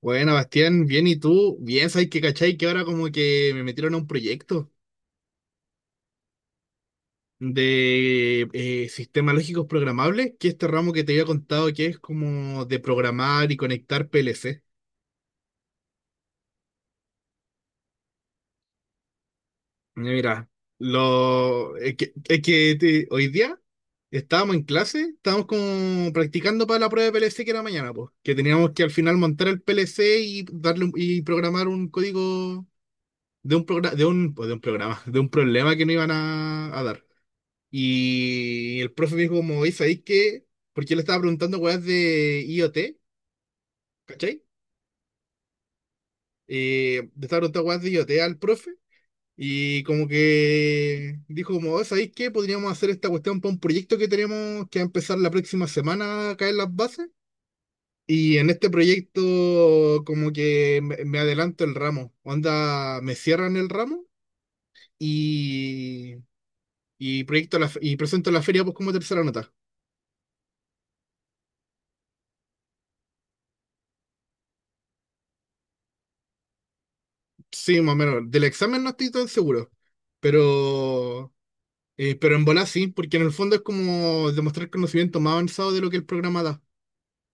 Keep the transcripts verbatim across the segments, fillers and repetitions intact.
Bueno, Bastián, bien, ¿y tú? Bien, ¿sabes qué, cachai? Que ahora como que me metieron a un proyecto de eh, sistemas lógicos programables, que es este ramo que te había contado que es como de programar y conectar P L C. Mira, lo, es que, es que te- hoy día estábamos en clase, estábamos como practicando para la prueba de P L C que era mañana, pues, que teníamos que al final montar el P L C y darle un- y programar un código de un programa, de un, pues, de un programa, de un problema que no iban a a dar. Y el profe me dijo como, oye, ¿sabéis qué? Porque yo le estaba preguntando weas de IoT, ¿cachai? Eh, le estaba preguntando weas de IoT al profe. Y como que dijo como, "Oye, ¿sabéis qué? Podríamos hacer esta cuestión para un proyecto que tenemos que va a empezar la próxima semana acá en las bases. Y en este proyecto como que me, me adelanto el ramo. Onda, me cierran el ramo y, y, proyecto la, fe- y presento la feria pues como tercera nota. Sí, más o menos. Del examen no estoy tan seguro, pero, eh, pero en bola sí, porque en el fondo es como demostrar conocimiento más avanzado de lo que el programa da.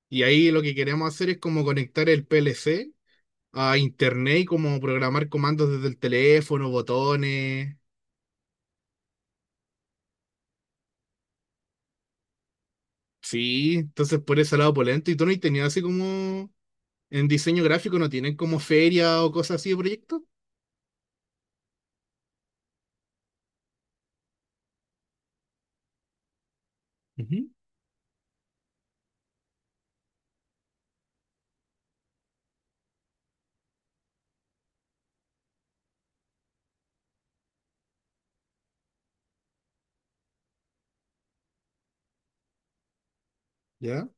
Y ahí lo que queremos hacer es como conectar el P L C a internet y como programar comandos desde el teléfono, botones. Sí, entonces por ese lado polento. ¿Y tú no has tenido así como en diseño gráfico, no tienen como feria o cosas así de proyectos? Ujú. ¿Ya?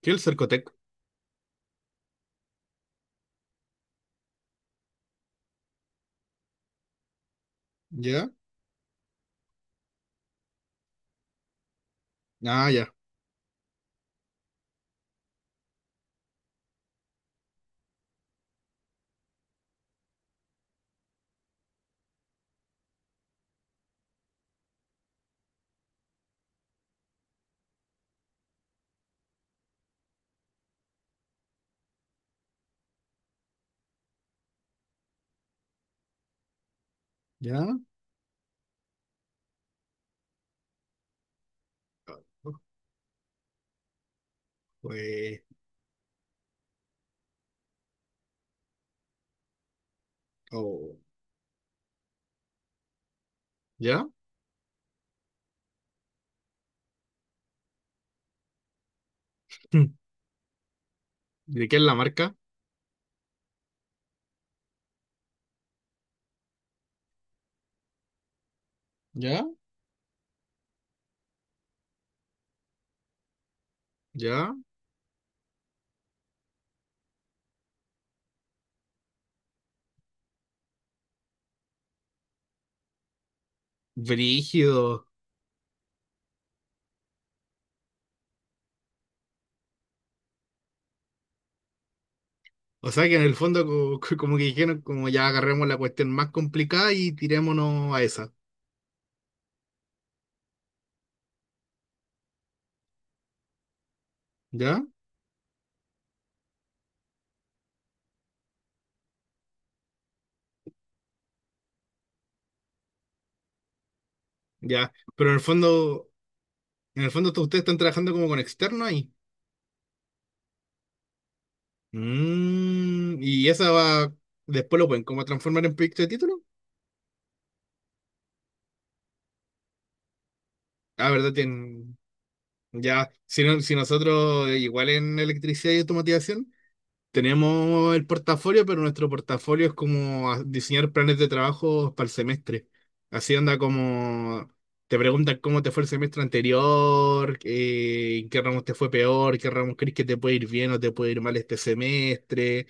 ¿Qué el Cercotec? ¿Ya? Ah, ya. ¿Ya? Pues, oh. ¿Ya? Mm. ¿De qué es la marca? ¿Ya? Ya, brígido. O sea que en el fondo co- co- como que dijeron, como ya agarremos la cuestión más complicada y tirémonos a esa. ¿Ya? Ya. Pero en el fondo, en el fondo to- ustedes están trabajando como con externo ahí. Mm, y esa va, después lo pueden como transformar en proyecto de título. Ah, ¿verdad? Tienen, ya, si, no- si nosotros eh, igual en electricidad y automatización. Tenemos el portafolio, pero nuestro portafolio es como a- diseñar planes de trabajo para el semestre. Así anda como te preguntan cómo te fue el semestre anterior, eh, en qué ramos te fue peor, qué ramos crees que te puede ir bien o te puede ir mal este semestre.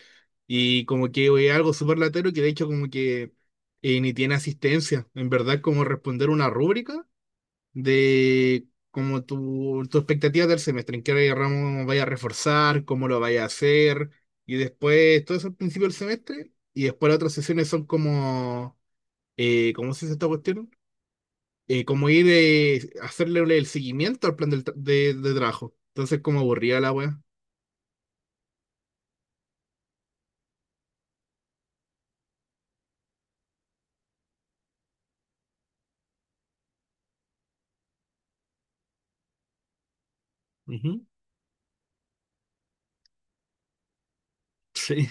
Y como que es algo súper latero que de hecho como que eh, ni tiene asistencia. En verdad como responder una rúbrica de como tu, tu expectativa del semestre, en qué ramo vaya a reforzar, cómo lo vaya a hacer, y después todo eso al principio del semestre, y después las otras sesiones son como, eh, ¿cómo se dice esta cuestión? Eh, como ir eh, hacerle el seguimiento al plan del tra- de, de trabajo. Entonces, como aburrida la wea. Ujú. Sí,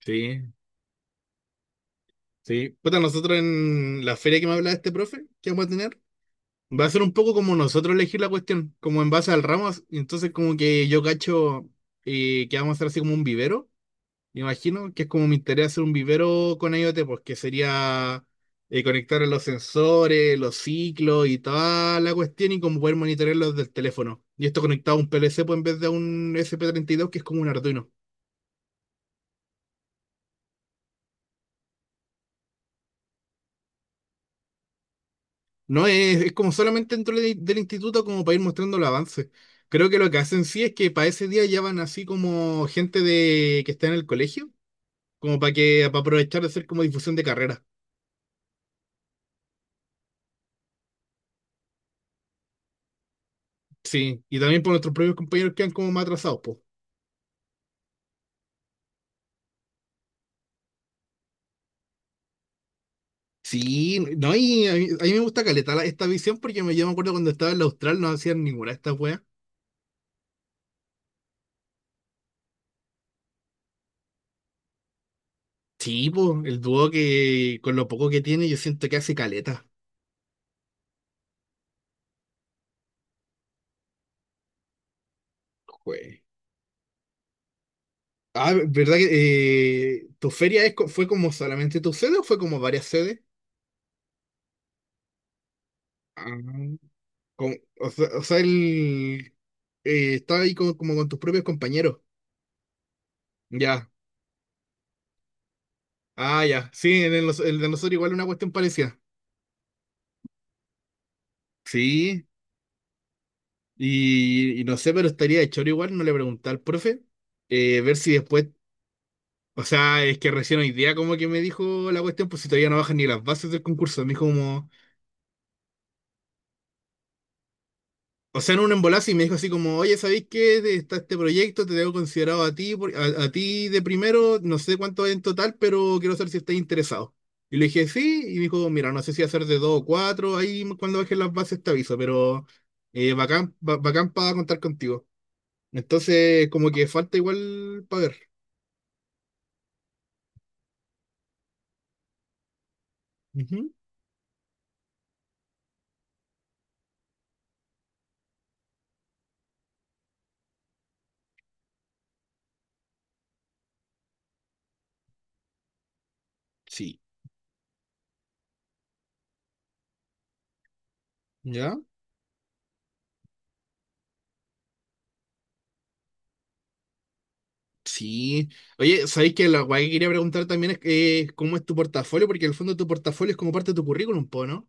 sí, sí. Puta, nosotros en la feria que me hablaba este profe, ¿que vamos a tener? Va a ser un poco como nosotros elegir la cuestión, como en base al Ramos. Entonces, como que yo cacho eh, que vamos a hacer así como un vivero, me imagino, que es como mi interés hacer un vivero con IoT, pues que sería eh, conectar los sensores, los ciclos y toda la cuestión y como poder monitorearlos del teléfono. Y esto conectado a un P L C pues, en vez de a un sp dos que es como un Arduino. No es, Es como solamente dentro de- del instituto, como para ir mostrando el avance. Creo que lo que hacen sí es que para ese día ya van así como gente de que está en el colegio como para que, para aprovechar de hacer como difusión de carrera. Sí, y también por nuestros propios compañeros que han como más atrasados, pues. Sí, no, y a mí, a mí me gusta caleta la- esta visión porque me, yo me acuerdo cuando estaba en la Austral no hacían ninguna de estas weas. Sí, pues, el dúo que con lo poco que tiene yo siento que hace caleta. Jue. Ah, ¿verdad que eh, tu feria es, co- fue como solamente tu sede o fue como varias sedes? Ah, como- o sea, o sea, el, eh, estaba ahí como, como con tus propios compañeros. Ya. Ah, ya. Sí, en el, nos- el de nosotros igual una cuestión parecida. Sí, y, y no sé, pero estaría de choro igual, no le pregunté al profe, eh, ver si después, o sea, es que recién hoy día como que me dijo la cuestión, pues si todavía no bajan ni las bases del concurso, me dijo como, o sea, en un embolazo y me dijo así como, oye, ¿sabéis qué? Te- Está este proyecto, te tengo considerado a ti, por- a, a ti de primero, no sé cuánto hay en total, pero quiero saber si estáis interesado. Y le dije, sí, y me dijo, mira, no sé si hacer de dos o cuatro, ahí cuando bajen las bases te aviso, pero eh, bacán, ba- bacán para contar contigo. Entonces, como que falta igual para ver. Ujú, sí, ¿ya? Sí. Oye, ¿sabéis que la guay que quería preguntar también es eh, cómo es tu portafolio? Porque en el fondo tu portafolio es como parte de tu currículum, po, ¿no?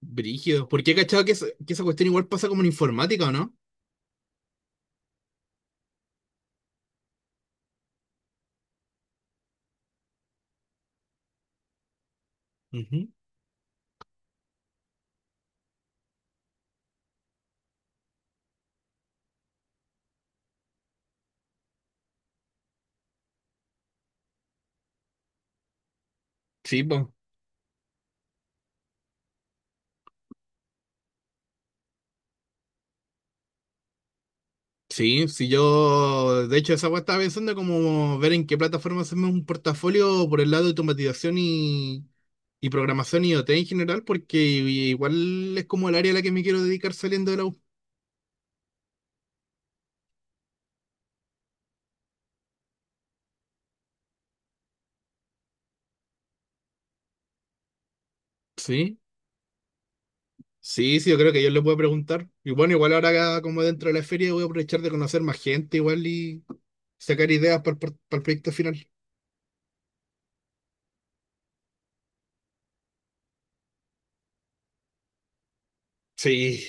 Brígido. Porque he cachado que, es- que esa cuestión igual pasa como en informática, ¿o no? Ujú. Sí, po. Sí, sí, yo. De hecho, esa weá estaba pensando como ver en qué plataforma hacemos un portafolio por el lado de automatización y, y programación y IoT en general, porque igual es como el área a la que me quiero dedicar saliendo de la U. Sí, sí, sí, yo creo que yo le puedo preguntar. Y bueno, igual ahora como dentro de la feria voy a aprovechar de conocer más gente igual y sacar ideas para el, por- para el proyecto final. Sí,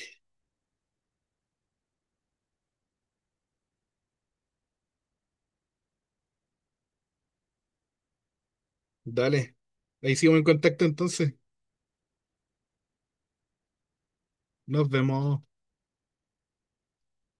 dale. Ahí sigo en contacto entonces. Nos vemos.